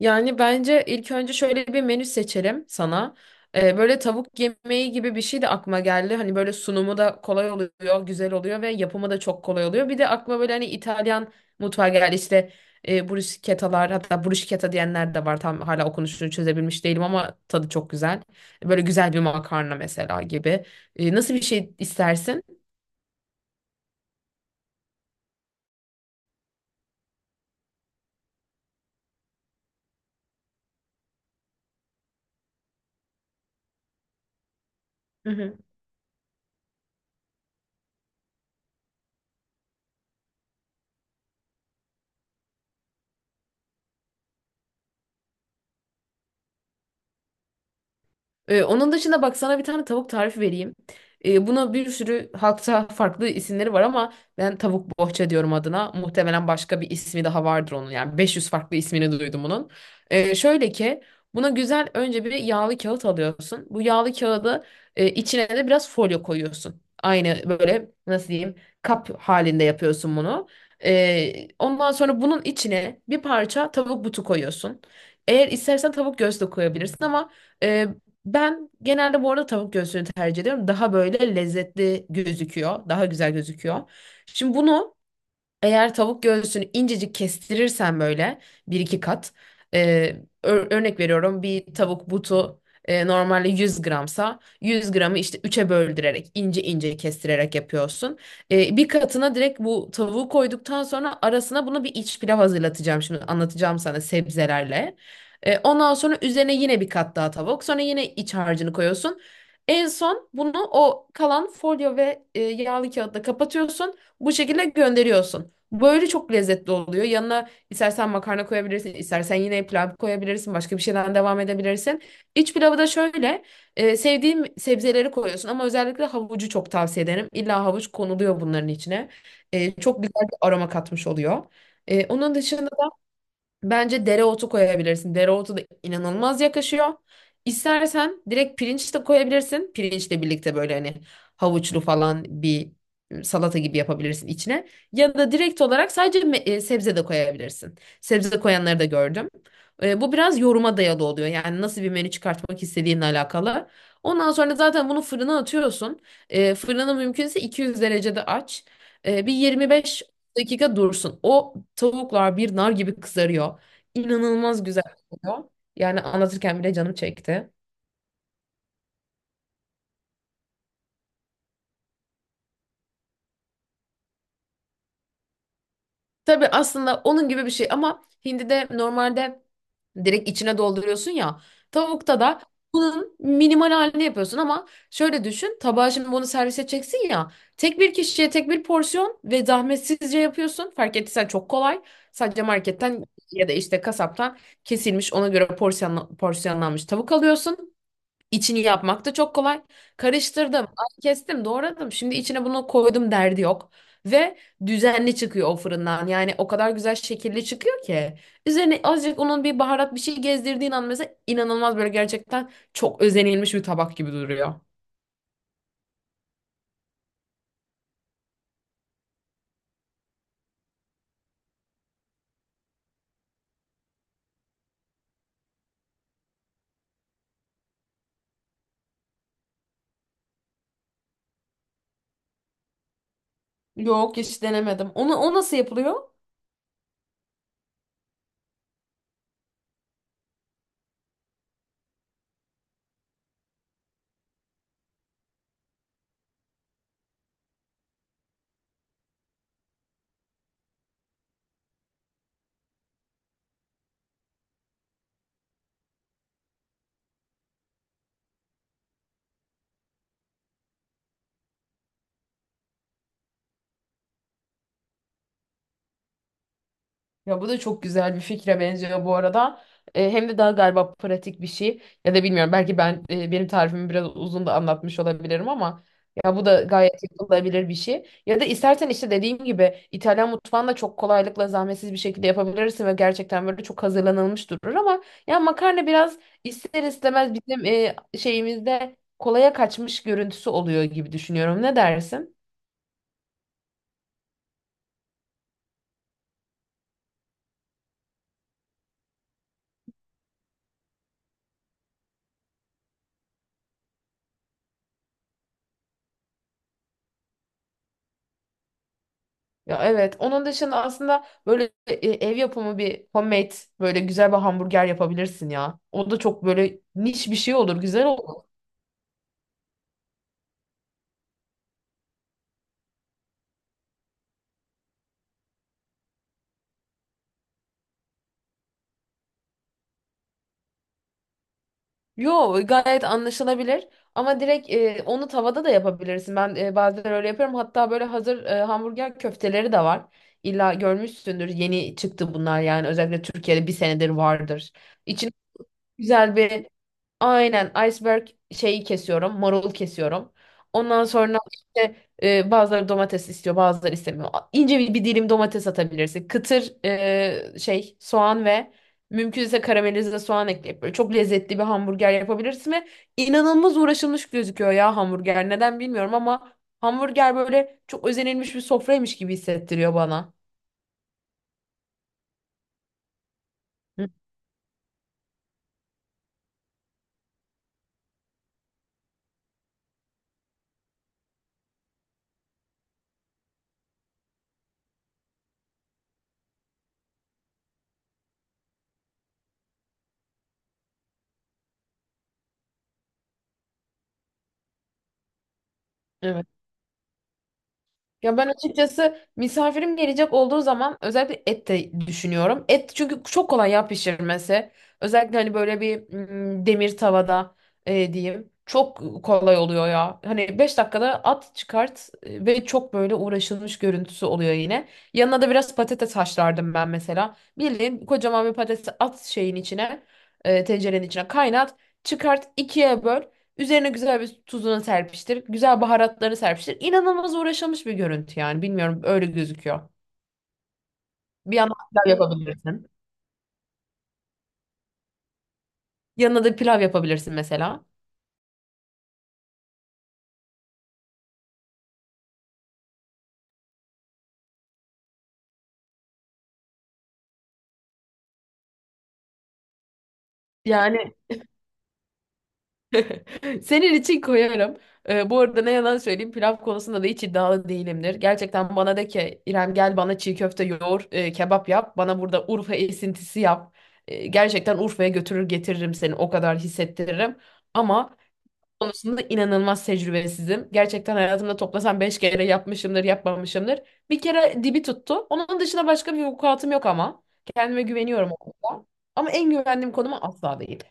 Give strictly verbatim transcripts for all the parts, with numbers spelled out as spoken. Yani bence ilk önce şöyle bir menü seçelim sana. Ee, böyle tavuk yemeği gibi bir şey de aklıma geldi. Hani böyle sunumu da kolay oluyor, güzel oluyor ve yapımı da çok kolay oluyor. Bir de aklıma böyle hani İtalyan mutfağı geldi. İşte e, bruschettalar hatta bruschetta diyenler de var. Tam hala okunuşunu çözebilmiş değilim ama tadı çok güzel. Böyle güzel bir makarna mesela gibi. E, nasıl bir şey istersin? Hı hı. Ee, onun dışında bak sana bir tane tavuk tarifi vereyim. Ee, buna bir sürü halkta farklı isimleri var ama ben tavuk bohça diyorum adına. Muhtemelen başka bir ismi daha vardır onun. Yani beş yüz farklı ismini duydum onun. Ee, şöyle ki buna güzel önce bir yağlı kağıt alıyorsun. Bu yağlı kağıdı e, içine de biraz folyo koyuyorsun. Aynı böyle nasıl diyeyim kap halinde yapıyorsun bunu. Ee, ondan sonra bunun içine bir parça tavuk butu koyuyorsun. Eğer istersen tavuk göğsü de koyabilirsin ama ben genelde bu arada tavuk göğsünü tercih ediyorum. Daha böyle lezzetli gözüküyor. Daha güzel gözüküyor. Şimdi bunu eğer tavuk göğsünü incecik kestirirsen böyle bir iki kat e, ör- örnek veriyorum bir tavuk butu e, normalde 100 gramsa 100 gramı işte üçe böldürerek ince ince kestirerek yapıyorsun. E, bir katına direkt bu tavuğu koyduktan sonra arasına bunu bir iç pilav hazırlatacağım şimdi anlatacağım sana sebzelerle. E, ondan sonra üzerine yine bir kat daha tavuk sonra yine iç harcını koyuyorsun. En son bunu o kalan folyo ve e, yağlı kağıtla kapatıyorsun. Bu şekilde gönderiyorsun. Böyle çok lezzetli oluyor. Yanına istersen makarna koyabilirsin, istersen yine pilav koyabilirsin, başka bir şeyden devam edebilirsin. İç pilavı da şöyle, e, sevdiğim sebzeleri koyuyorsun ama özellikle havucu çok tavsiye ederim. İlla havuç konuluyor bunların içine. E, çok güzel bir aroma katmış oluyor. E, onun dışında bence dereotu koyabilirsin. Dereotu da inanılmaz yakışıyor. İstersen direkt pirinç de koyabilirsin. Pirinçle birlikte böyle hani havuçlu falan bir salata gibi yapabilirsin içine. Ya da direkt olarak sadece me- e, sebze de koyabilirsin. Sebze de koyanları da gördüm. E, bu biraz yoruma dayalı oluyor. Yani nasıl bir menü çıkartmak istediğinle alakalı. Ondan sonra zaten bunu fırına atıyorsun. E, fırını mümkünse 200 derecede aç. E, bir yirmi beş dakika dursun. O tavuklar bir nar gibi kızarıyor. İnanılmaz güzel oluyor. Yani anlatırken bile canım çekti. Tabii aslında onun gibi bir şey ama hindi de normalde direkt içine dolduruyorsun ya. Tavukta da bunun minimal halini yapıyorsun ama şöyle düşün. Tabağa şimdi bunu servis edeceksin ya. Tek bir kişiye tek bir porsiyon ve zahmetsizce yapıyorsun. Fark ettiysen çok kolay. Sadece marketten ya da işte kasaptan kesilmiş ona göre porsiyonla- porsiyonlanmış tavuk alıyorsun. İçini yapmak da çok kolay. Karıştırdım, ay kestim, doğradım. Şimdi içine bunu koydum derdi yok. Ve düzenli çıkıyor o fırından. Yani o kadar güzel şekilli çıkıyor ki. Üzerine azıcık onun bir baharat bir şey gezdirdiğin an mesela inanılmaz böyle gerçekten çok özenilmiş bir tabak gibi duruyor. Yok hiç denemedim. Onu, o nasıl yapılıyor? Ya bu da çok güzel bir fikre benziyor bu arada. E, hem de daha galiba pratik bir şey. Ya da bilmiyorum belki ben e, benim tarifimi biraz uzun da anlatmış olabilirim ama ya bu da gayet yapılabilir bir şey. Ya da istersen işte dediğim gibi İtalyan mutfağında çok kolaylıkla zahmetsiz bir şekilde yapabilirsin ve gerçekten böyle çok hazırlanılmış durur ama ya makarna biraz ister istemez bizim e, şeyimizde kolaya kaçmış görüntüsü oluyor gibi düşünüyorum. Ne dersin? Ya evet. Onun dışında aslında böyle e, ev yapımı bir homemade böyle güzel bir hamburger yapabilirsin ya. O da çok böyle niş bir şey olur, güzel olur. Yo gayet anlaşılabilir. Ama direkt e, onu tavada da yapabilirsin. Ben e, bazen öyle yapıyorum. Hatta böyle hazır e, hamburger köfteleri de var. İlla görmüşsündür. Yeni çıktı bunlar yani. Özellikle Türkiye'de bir senedir vardır. İçine güzel bir. Aynen, iceberg şeyi kesiyorum, marul kesiyorum. Ondan sonra işte e, bazıları domates istiyor, bazıları istemiyor. A- İnce bir, bir dilim domates atabilirsin. Kıtır e, şey soğan ve mümkünse karamelize soğan ekleyip böyle çok lezzetli bir hamburger yapabilirsin ve inanılmaz uğraşılmış gözüküyor ya hamburger. Neden bilmiyorum ama hamburger böyle çok özenilmiş bir sofraymış gibi hissettiriyor bana. Hı, evet. Ya ben açıkçası misafirim gelecek olduğu zaman özellikle et de düşünüyorum. Et çünkü çok kolay ya pişirmesi. Özellikle hani böyle bir mm, demir tavada e, diyeyim. Çok kolay oluyor ya. Hani beş dakikada at çıkart e, ve çok böyle uğraşılmış görüntüsü oluyor yine. Yanına da biraz patates haşlardım ben mesela. Bildiğin kocaman bir patatesi at şeyin içine, e, tencerenin içine kaynat, çıkart, ikiye böl. Üzerine güzel bir tuzunu serpiştir. Güzel baharatları serpiştir. İnanılmaz uğraşılmış bir görüntü yani. Bilmiyorum öyle gözüküyor. Bir yandan pilav yapabilirsin. Yanına da pilav yapabilirsin mesela. Yani senin için koyarım. Ee, bu arada ne yalan söyleyeyim pilav konusunda da hiç iddialı değilimdir. Gerçekten bana de ki İrem gel bana çiğ köfte yoğur, e, kebap yap. Bana burada Urfa esintisi yap. E, gerçekten Urfa'ya götürür getiririm seni o kadar hissettiririm. Ama konusunda inanılmaz tecrübesizim. Gerçekten hayatımda toplasam beş kere yapmışımdır yapmamışımdır. Bir kere dibi tuttu. Onun dışında başka bir vukuatım yok ama. Kendime güveniyorum o konuda. Ama en güvendiğim konuma asla değil.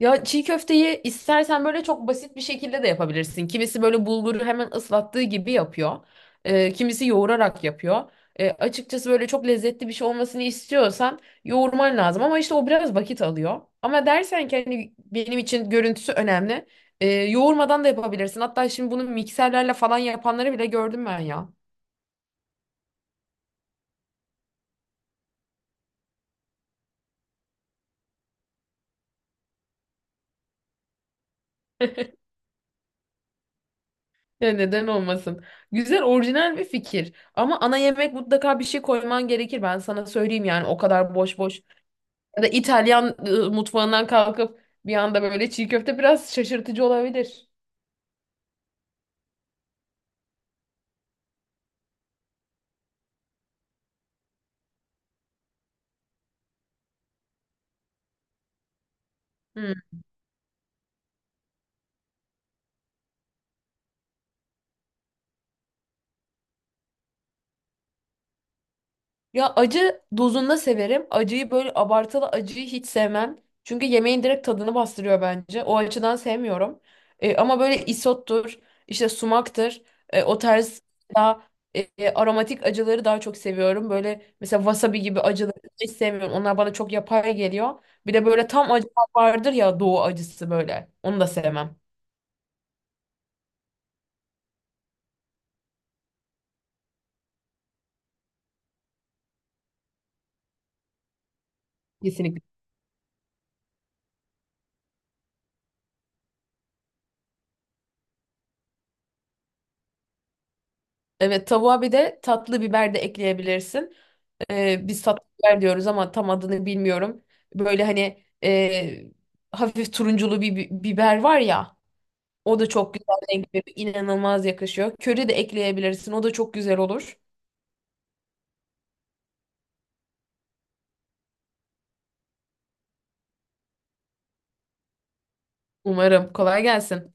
Ya çiğ köfteyi istersen böyle çok basit bir şekilde de yapabilirsin. Kimisi böyle bulguru hemen ıslattığı gibi yapıyor. Ee, kimisi yoğurarak yapıyor. Ee, açıkçası böyle çok lezzetli bir şey olmasını istiyorsan yoğurman lazım. Ama işte o biraz vakit alıyor. Ama dersen ki hani benim için görüntüsü önemli. Ee, yoğurmadan da yapabilirsin. Hatta şimdi bunu mikserlerle falan yapanları bile gördüm ben ya. Ya neden olmasın? Güzel, orijinal bir fikir. Ama ana yemek mutlaka bir şey koyman gerekir. Ben sana söyleyeyim yani o kadar boş boş ya da İtalyan e, mutfağından kalkıp bir anda böyle çiğ köfte biraz şaşırtıcı olabilir. Hmm. Ya acı dozunda severim. Acıyı böyle abartılı acıyı hiç sevmem. Çünkü yemeğin direkt tadını bastırıyor bence. O açıdan sevmiyorum. E, ama böyle isottur, işte sumaktır. e, o tarz daha e, e, aromatik acıları daha çok seviyorum. Böyle mesela wasabi gibi acıları hiç sevmiyorum. Onlar bana çok yapay geliyor. Bir de böyle tam acı vardır ya doğu acısı böyle. Onu da sevmem. Kesinlikle. Evet tavuğa bir de tatlı biber de ekleyebilirsin. Ee, biz tatlı biber diyoruz ama tam adını bilmiyorum. Böyle hani e, hafif turunculu bir bi- biber var ya. O da çok güzel renk veriyor. İnanılmaz yakışıyor. Köri de ekleyebilirsin. O da çok güzel olur. Umarım. Kolay gelsin.